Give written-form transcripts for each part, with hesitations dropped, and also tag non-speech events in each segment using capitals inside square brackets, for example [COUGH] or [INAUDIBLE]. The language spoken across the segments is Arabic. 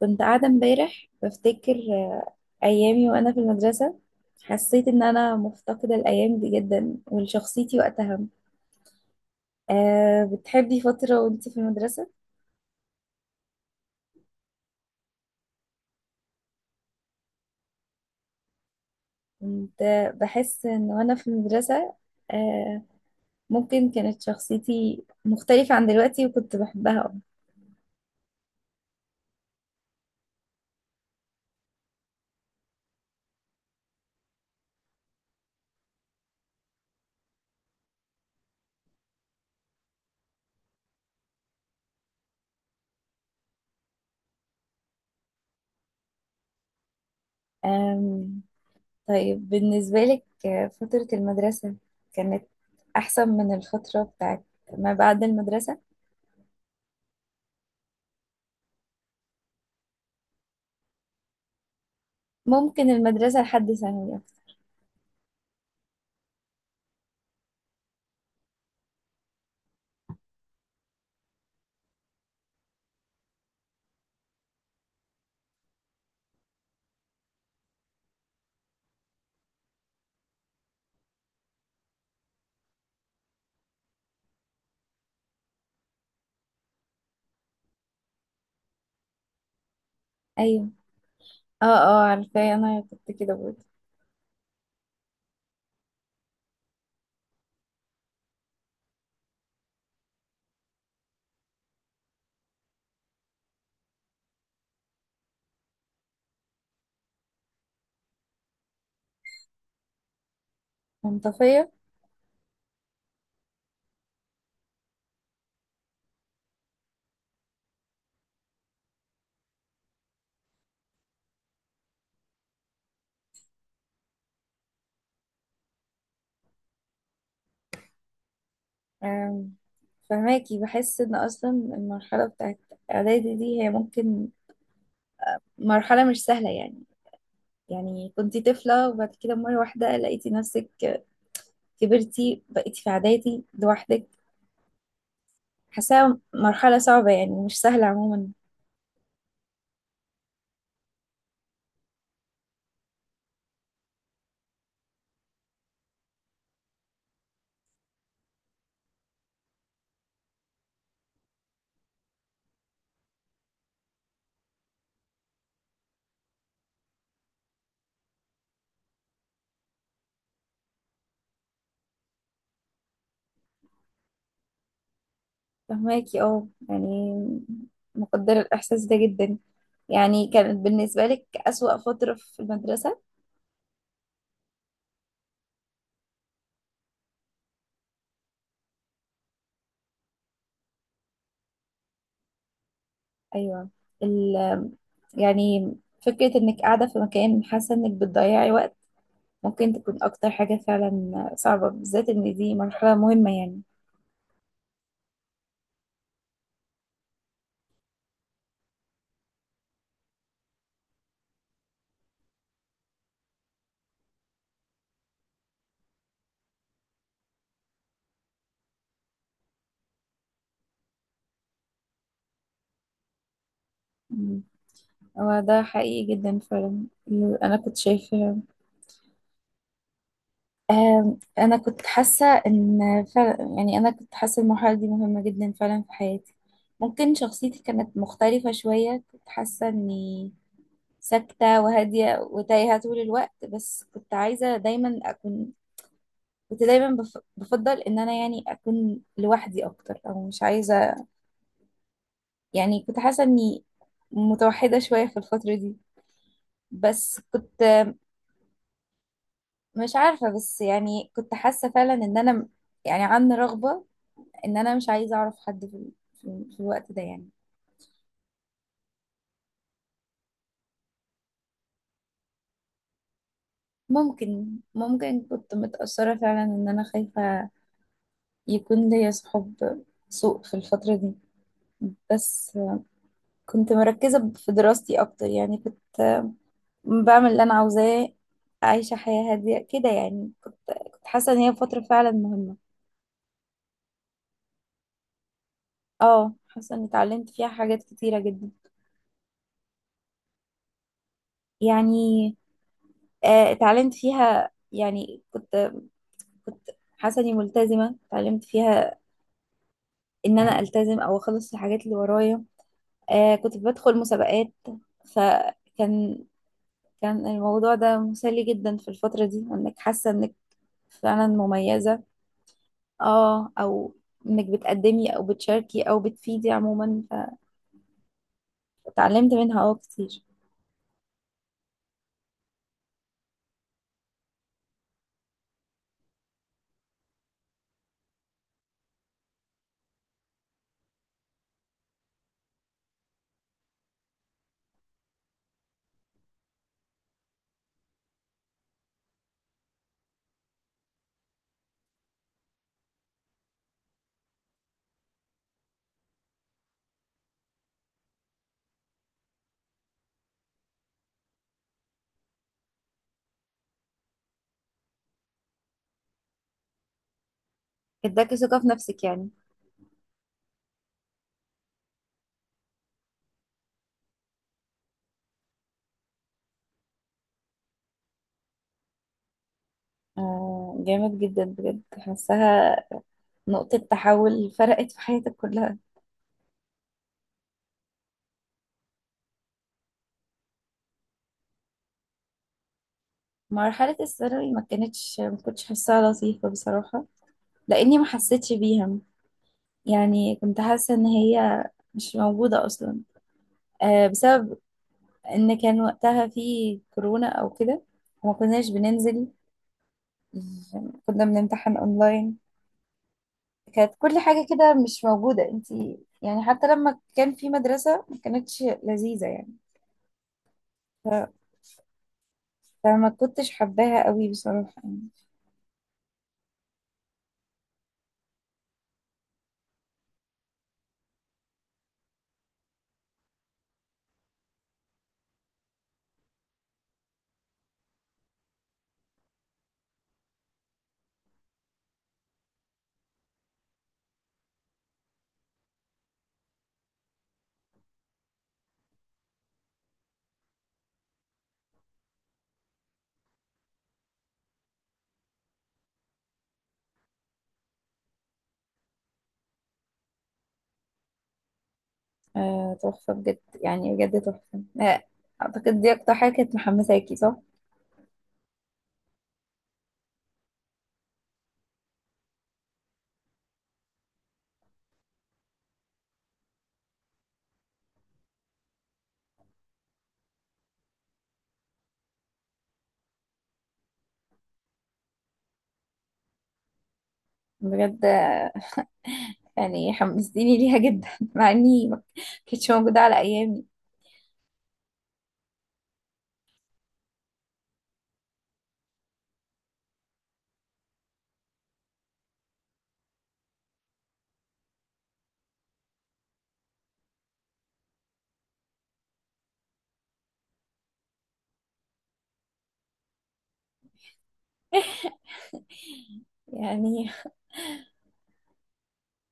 كنت قاعدة امبارح بفتكر أيامي وأنا في المدرسة. حسيت إن أنا مفتقدة الأيام دي جدا ولشخصيتي وقتها. أه بتحبي فترة وأنت في المدرسة؟ كنت بحس إن وأنا في المدرسة أه ممكن كانت شخصيتي مختلفة عن دلوقتي وكنت بحبها. أم، طيب بالنسبة لك فترة المدرسة كانت أحسن من الفترة بتاعت ما بعد المدرسة؟ ممكن المدرسة لحد ثانوي. أيوة، اه اه عارفاه، انا كنت كده برضه منطفية. آم، فهماكي، بحس ان اصلا المرحلة بتاعت اعدادي دي هي ممكن مرحلة مش سهلة يعني. يعني كنتي طفلة وبعد كده مرة واحدة لقيتي نفسك كبرتي بقيتي في اعدادي لوحدك. حاساها مرحلة صعبة يعني مش سهلة عموما. فهماكي اه يعني، مقدرة الاحساس ده جدا. يعني كانت بالنسبة لك اسوأ فترة في المدرسة؟ ايوه. يعني فكرة إنك قاعدة في مكان حاسة إنك بتضيعي وقت ممكن تكون أكتر حاجة فعلا صعبة، بالذات إن دي مرحلة مهمة يعني. مم. هو ده حقيقي جدا فعلا. أنا كنت شايفة. أنا كنت حاسة إن فعلا، يعني أنا كنت حاسة المرحلة دي مهمة جدا فعلا في حياتي. ممكن شخصيتي كانت مختلفة شوية. كنت حاسة إني ساكتة وهادية وتايهة طول الوقت، بس كنت عايزة دايما أكون. كنت دايما بفضل ان انا يعني اكون لوحدي اكتر او مش عايزه. يعني كنت حاسه اني متوحده شويه في الفتره دي. بس كنت مش عارفه، بس يعني كنت حاسه فعلا ان انا يعني عندي رغبه ان انا مش عايزه اعرف حد في الوقت ده يعني. ممكن كنت متاثره فعلا ان انا خايفه يكون ليا صحاب سوء في الفتره دي. بس كنت مركزه في دراستي اكتر يعني. بعمل اللي انا عاوزاه، عايشه حياه هاديه كده. يعني كنت حاسه ان هي فتره فعلا مهمه. اه، حاسه اني اتعلمت فيها حاجات كتيره جدا. يعني اتعلمت فيها، يعني كنت حاسه اني ملتزمه. اتعلمت فيها ان انا التزم او اخلص الحاجات اللي ورايا. كنت بدخل مسابقات. فكان كان الموضوع ده مسلي جدا في الفتره دي، انك حاسه انك فعلا مميزه. اه، او انك بتقدمي او بتشاركي او بتفيدي عموما. فتعلمت منها اه كتير. اداكي ثقة في نفسك يعني. آه، جامد جدا بجد. حاساها نقطة تحول فرقت في حياتك كلها. مرحلة الثانوي ما كانتش، ما كنتش حاساها لطيفة بصراحة، لأني ما حسيتش بيها. يعني كنت حاسة إن هي مش موجودة أصلا، بسبب ان كان وقتها في كورونا او كده وما كناش بننزل. كنا بنمتحن اونلاين. كانت كل حاجة كده مش موجودة. انتي يعني حتى لما كان في مدرسة ما كانتش لذيذة يعني. ف- فما كنتش حباها قوي بصراحة يعني. تحفة بجد، يعني بجد تحفة. اعتقد دي اكتر حاجة كانت محمساكي، صح؟ بجد، يعني حمستيني ليها جدا [LAUGHS] مع اني ما كانتش موجودة على ايامي. يعني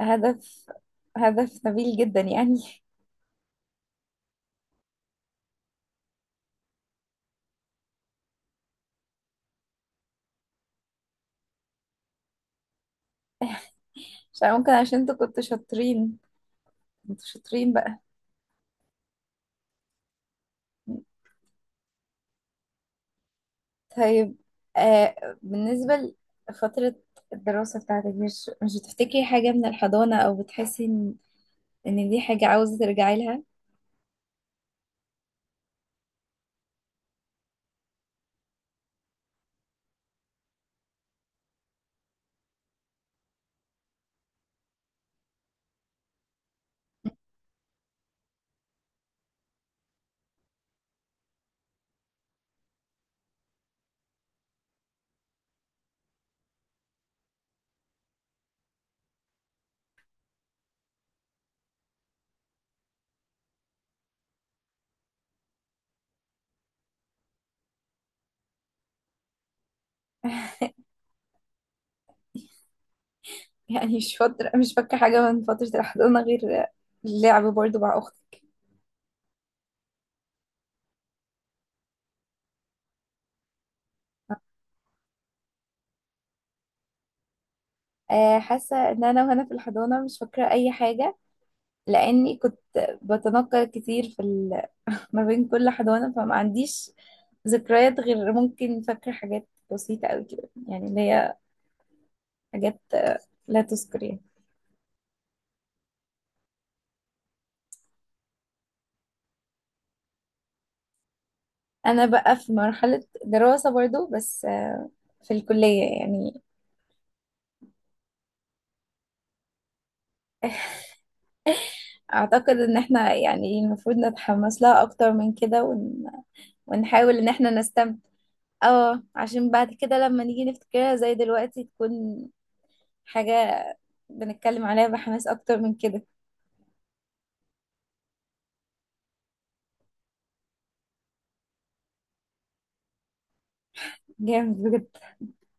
هدف، هدف نبيل جدا يعني. [LAUGHS] مش عارفة، ممكن عشان انتوا كنتوا شاطرين. انتوا شاطرين بقى. طيب، آه بالنسبة لفترة الدراسة بتاعتك، مش بتفتكري حاجة من الحضانة او بتحسي ان ان دي حاجة عاوزة ترجعي لها؟ [LAUGHS] يعني مش فترة، مش فاكرة حاجة من فترة الحضانة غير اللعب برضو مع أختي. حاسة إن أنا وأنا في الحضانة مش فاكرة أي حاجة، لاني كنت بتنقل كتير ما بين كل حضانه، فما عنديش ذكريات، غير ممكن فاكره حاجات بسيطه قوي كده، يعني اللي هي حاجات لا تذكر يعني. انا بقى في مرحله دراسه برضو، بس في الكليه يعني. اعتقد ان احنا يعني المفروض نتحمس لها اكتر من كده ونحاول ان احنا نستمتع. اه، عشان بعد كده لما نيجي نفتكرها زي دلوقتي تكون حاجه بنتكلم عليها بحماس اكتر من كده. جامد بجد.